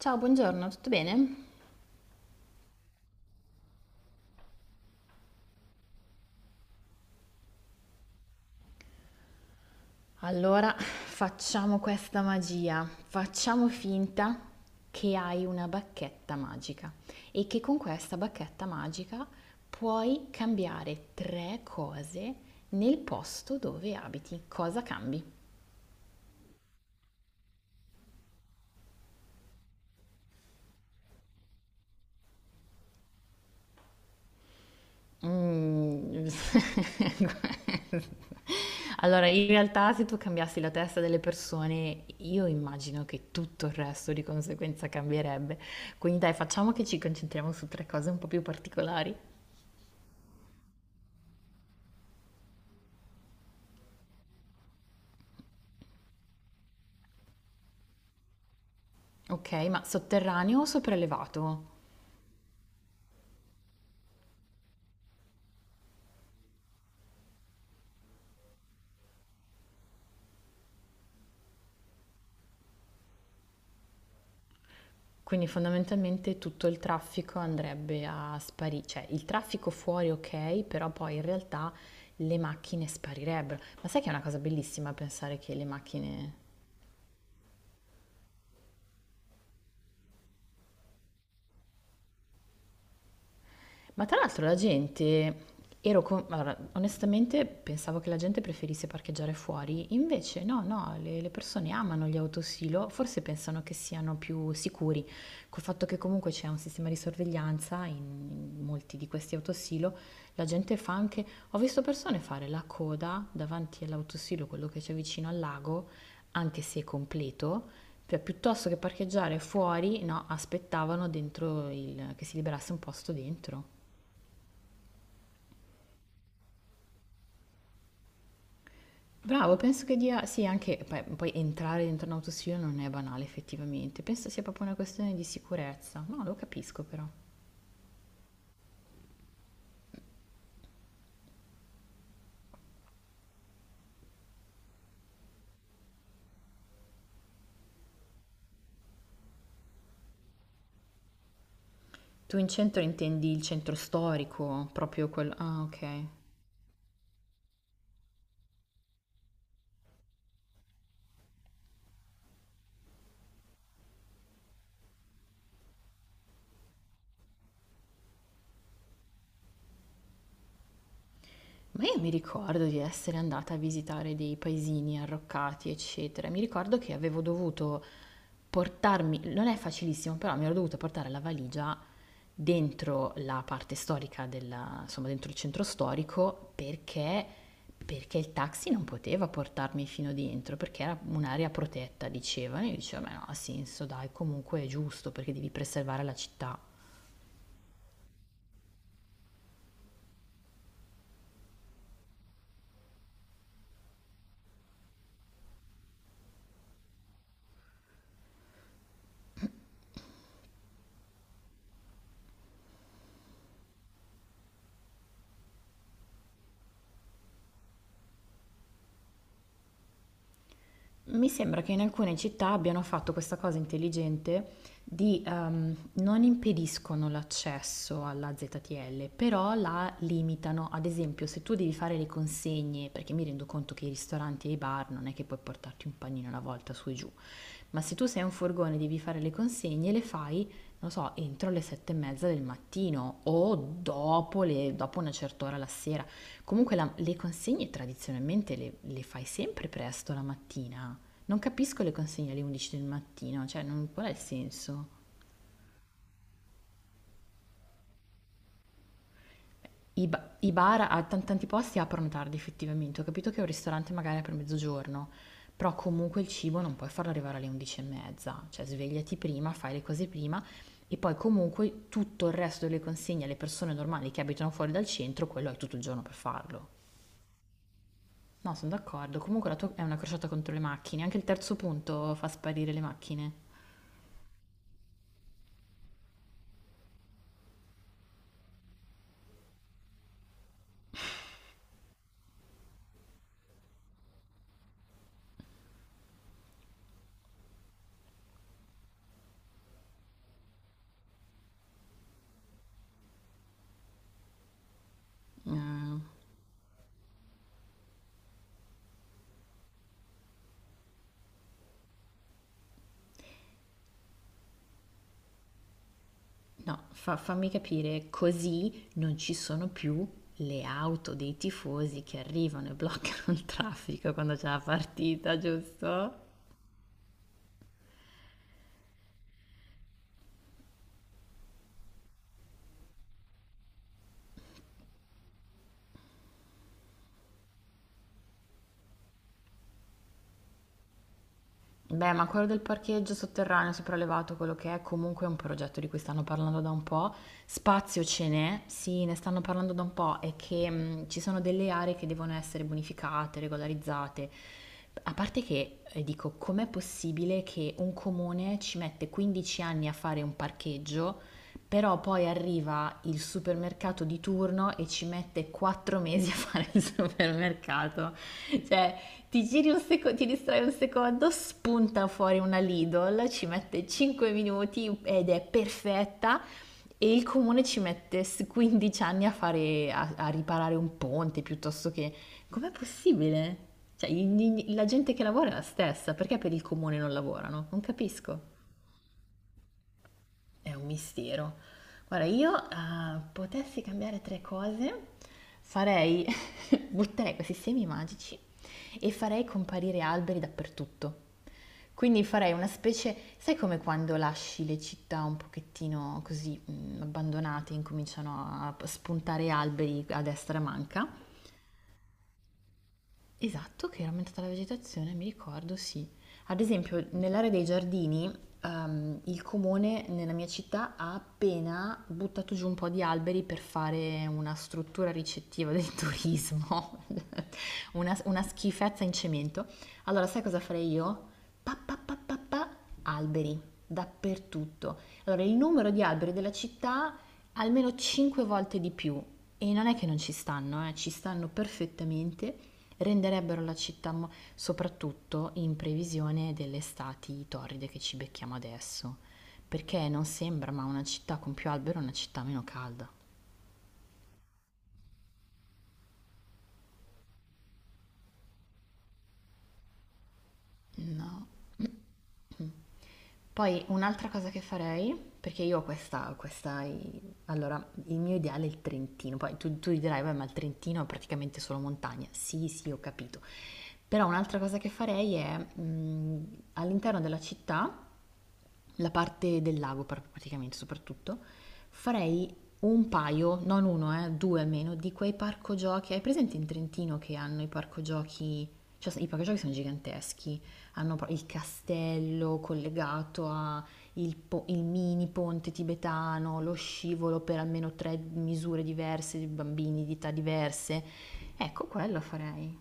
Ciao, buongiorno, tutto bene? Allora, facciamo questa magia. Facciamo finta che hai una bacchetta magica e che con questa bacchetta magica puoi cambiare tre cose nel posto dove abiti. Cosa cambi? Mhmm. Allora in realtà se tu cambiassi la testa delle persone, io immagino che tutto il resto di conseguenza cambierebbe. Quindi dai, facciamo che ci concentriamo su tre cose un po' più particolari. Ok, ma sotterraneo o sopraelevato? Quindi fondamentalmente tutto il traffico andrebbe a sparire, cioè il traffico fuori ok, però poi in realtà le macchine sparirebbero. Ma sai che è una cosa bellissima pensare che le macchine. Ma tra l'altro la gente, allora, onestamente pensavo che la gente preferisse parcheggiare fuori, invece no, no, le persone amano gli autosilo, forse pensano che siano più sicuri, col fatto che comunque c'è un sistema di sorveglianza in, in molti di questi autosilo, la gente fa anche, ho visto persone fare la coda davanti all'autosilo, quello che c'è vicino al lago, anche se è completo, cioè, piuttosto che parcheggiare fuori, no, aspettavano dentro che si liberasse un posto dentro. Bravo, penso che dia, sì, anche poi, poi entrare dentro un autostudio non è banale effettivamente, penso sia proprio una questione di sicurezza, no, lo capisco però. Tu in centro intendi il centro storico, proprio quello. Ah, ok. Ma io mi ricordo di essere andata a visitare dei paesini arroccati, eccetera. Mi ricordo che avevo dovuto portarmi, non è facilissimo, però mi ero dovuta portare la valigia dentro la parte storica della, insomma, dentro il centro storico perché, perché il taxi non poteva portarmi fino dentro, perché era un'area protetta, dicevano. Io dicevo, ma no, ha senso, dai, comunque è giusto perché devi preservare la città. Mi sembra che in alcune città abbiano fatto questa cosa intelligente di non impediscono l'accesso alla ZTL, però la limitano. Ad esempio, se tu devi fare le consegne, perché mi rendo conto che i ristoranti e i bar non è che puoi portarti un panino alla volta su e giù, ma se tu sei un furgone e devi fare le consegne, le fai non so, entro le sette e mezza del mattino o dopo, dopo una certa ora la sera. Comunque le consegne tradizionalmente le fai sempre presto la mattina. Non capisco le consegne alle 11 del mattino, cioè qual è il senso? I bar a tanti posti aprono tardi effettivamente, ho capito che un ristorante magari apre a mezzogiorno, però comunque il cibo non puoi farlo arrivare alle 11 e mezza, cioè svegliati prima, fai le cose prima e poi comunque tutto il resto delle consegne alle persone normali che abitano fuori dal centro, quello hai tutto il giorno per farlo. No, sono d'accordo, comunque la tua è una crociata contro le macchine, anche il terzo punto fa sparire le macchine. No, fammi capire, così non ci sono più le auto dei tifosi che arrivano e bloccano il traffico quando c'è la partita, giusto? Beh, ma quello del parcheggio sotterraneo sopraelevato, quello che è comunque un progetto di cui stanno parlando da un po', spazio ce n'è, sì, ne stanno parlando da un po' e che ci sono delle aree che devono essere bonificate, regolarizzate. A parte che dico, com'è possibile che un comune ci mette 15 anni a fare un parcheggio, però poi arriva il supermercato di turno e ci mette 4 mesi a fare il supermercato? Cioè, ti giri un ti distrai un secondo, spunta fuori una Lidl, ci mette 5 minuti ed è perfetta e il comune ci mette 15 anni a fare, a, a riparare un ponte piuttosto che... Com'è possibile? Cioè, la gente che lavora è la stessa, perché per il comune non lavorano? Non capisco. È un mistero. Guarda, io potessi cambiare tre cose, farei, butterei questi semi magici e farei comparire alberi dappertutto. Quindi farei una specie, sai come quando lasci le città un pochettino così abbandonate e incominciano a spuntare alberi a destra e a manca? Esatto, che era aumentata la vegetazione, mi ricordo, sì. Ad esempio, nell'area dei giardini, il comune nella mia città ha appena buttato giù un po' di alberi per fare una struttura ricettiva del turismo, una schifezza in cemento. Allora, sai cosa farei io? Pa, pa, pa, pa, pa, alberi dappertutto. Allora, il numero di alberi della città almeno 5 volte di più. E non è che non ci stanno, ci stanno perfettamente. Renderebbero la città, soprattutto in previsione delle estati torride che ci becchiamo adesso. Perché non sembra, ma una città con più alberi è una città meno calda. No. Poi un'altra cosa che farei, perché io ho questa, questa, allora il mio ideale è il Trentino, poi tu, tu dirai, beh, ma il Trentino è praticamente solo montagna. Sì, sì, ho capito. Però un'altra cosa che farei è all'interno della città la parte del lago praticamente soprattutto, farei un paio, non uno, due almeno, di quei parco giochi. Hai presente in Trentino che hanno i parco giochi? Cioè, i parco giochi sono giganteschi, hanno il castello collegato a il, il mini ponte tibetano, lo scivolo per almeno tre misure diverse, di bambini di età diverse. Ecco, quello farei.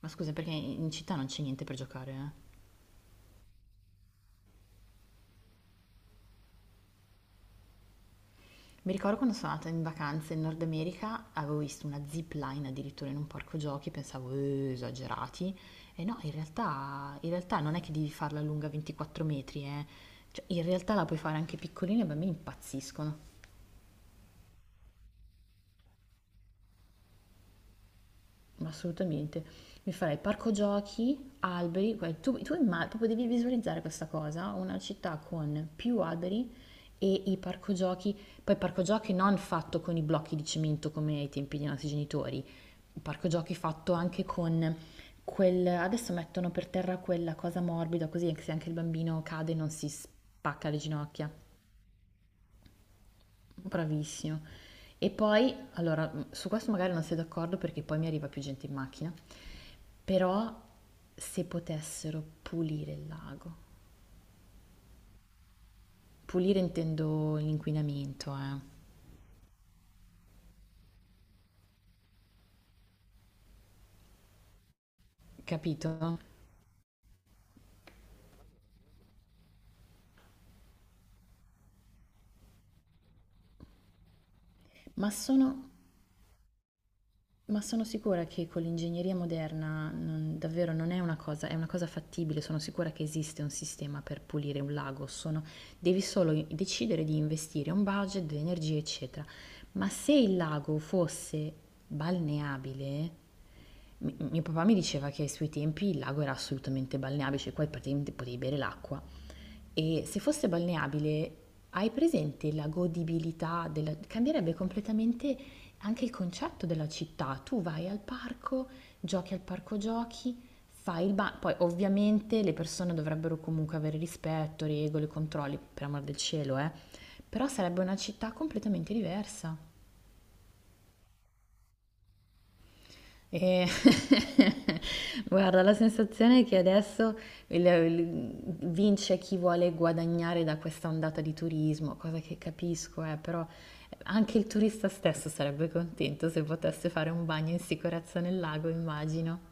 Ma scusa, perché in città non c'è niente per giocare, eh? Mi ricordo quando sono andata in vacanza in Nord America, avevo visto una zip line addirittura in un parco giochi, pensavo, esagerati. E no, in realtà non è che devi farla lunga 24 metri, eh. Cioè, in realtà la puoi fare anche piccolina e i bambini impazziscono. Ma assolutamente. Mi farei parco giochi, alberi, tu, tu proprio devi visualizzare questa cosa, una città con più alberi e i parco giochi, poi parco giochi non fatto con i blocchi di cemento come ai tempi dei nostri genitori, parco giochi fatto anche con quel, adesso mettono per terra quella cosa morbida così anche se anche il bambino cade non si spacca le ginocchia. Bravissimo. E poi, allora, su questo magari non sei d'accordo perché poi mi arriva più gente in macchina, però se potessero pulire il lago, pulire intendo l'inquinamento, capito? Ma sono. Ma sono sicura che con l'ingegneria moderna davvero non è una cosa, è una cosa fattibile, sono sicura che esiste un sistema per pulire un lago, devi solo decidere di investire un budget, delle energie, eccetera. Ma se il lago fosse balneabile, mio papà mi diceva che ai suoi tempi il lago era assolutamente balneabile, cioè qua praticamente potevi bere l'acqua. E se fosse balneabile, hai presente la godibilità. Cambierebbe completamente anche il concetto della città, tu vai al parco giochi, fai il bagno, poi ovviamente le persone dovrebbero comunque avere rispetto, regole, controlli, per amor del cielo, però sarebbe una città completamente diversa. E guarda, la sensazione è che adesso il- il- vince chi vuole guadagnare da questa ondata di turismo, cosa che capisco, però anche il turista stesso sarebbe contento se potesse fare un bagno in sicurezza nel lago, immagino.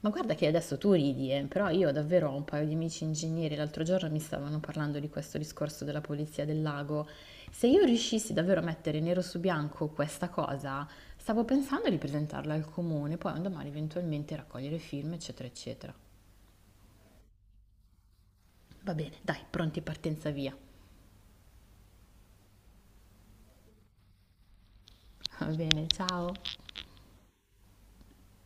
Ma guarda che adesso tu ridi, però io davvero ho un paio di amici ingegneri, l'altro giorno mi stavano parlando di questo discorso della polizia del lago. Se io riuscissi davvero a mettere nero su bianco questa cosa, stavo pensando di presentarla al comune, poi un domani eventualmente raccogliere film, eccetera, eccetera. Va bene, dai, pronti partenza via. Va bene, ciao.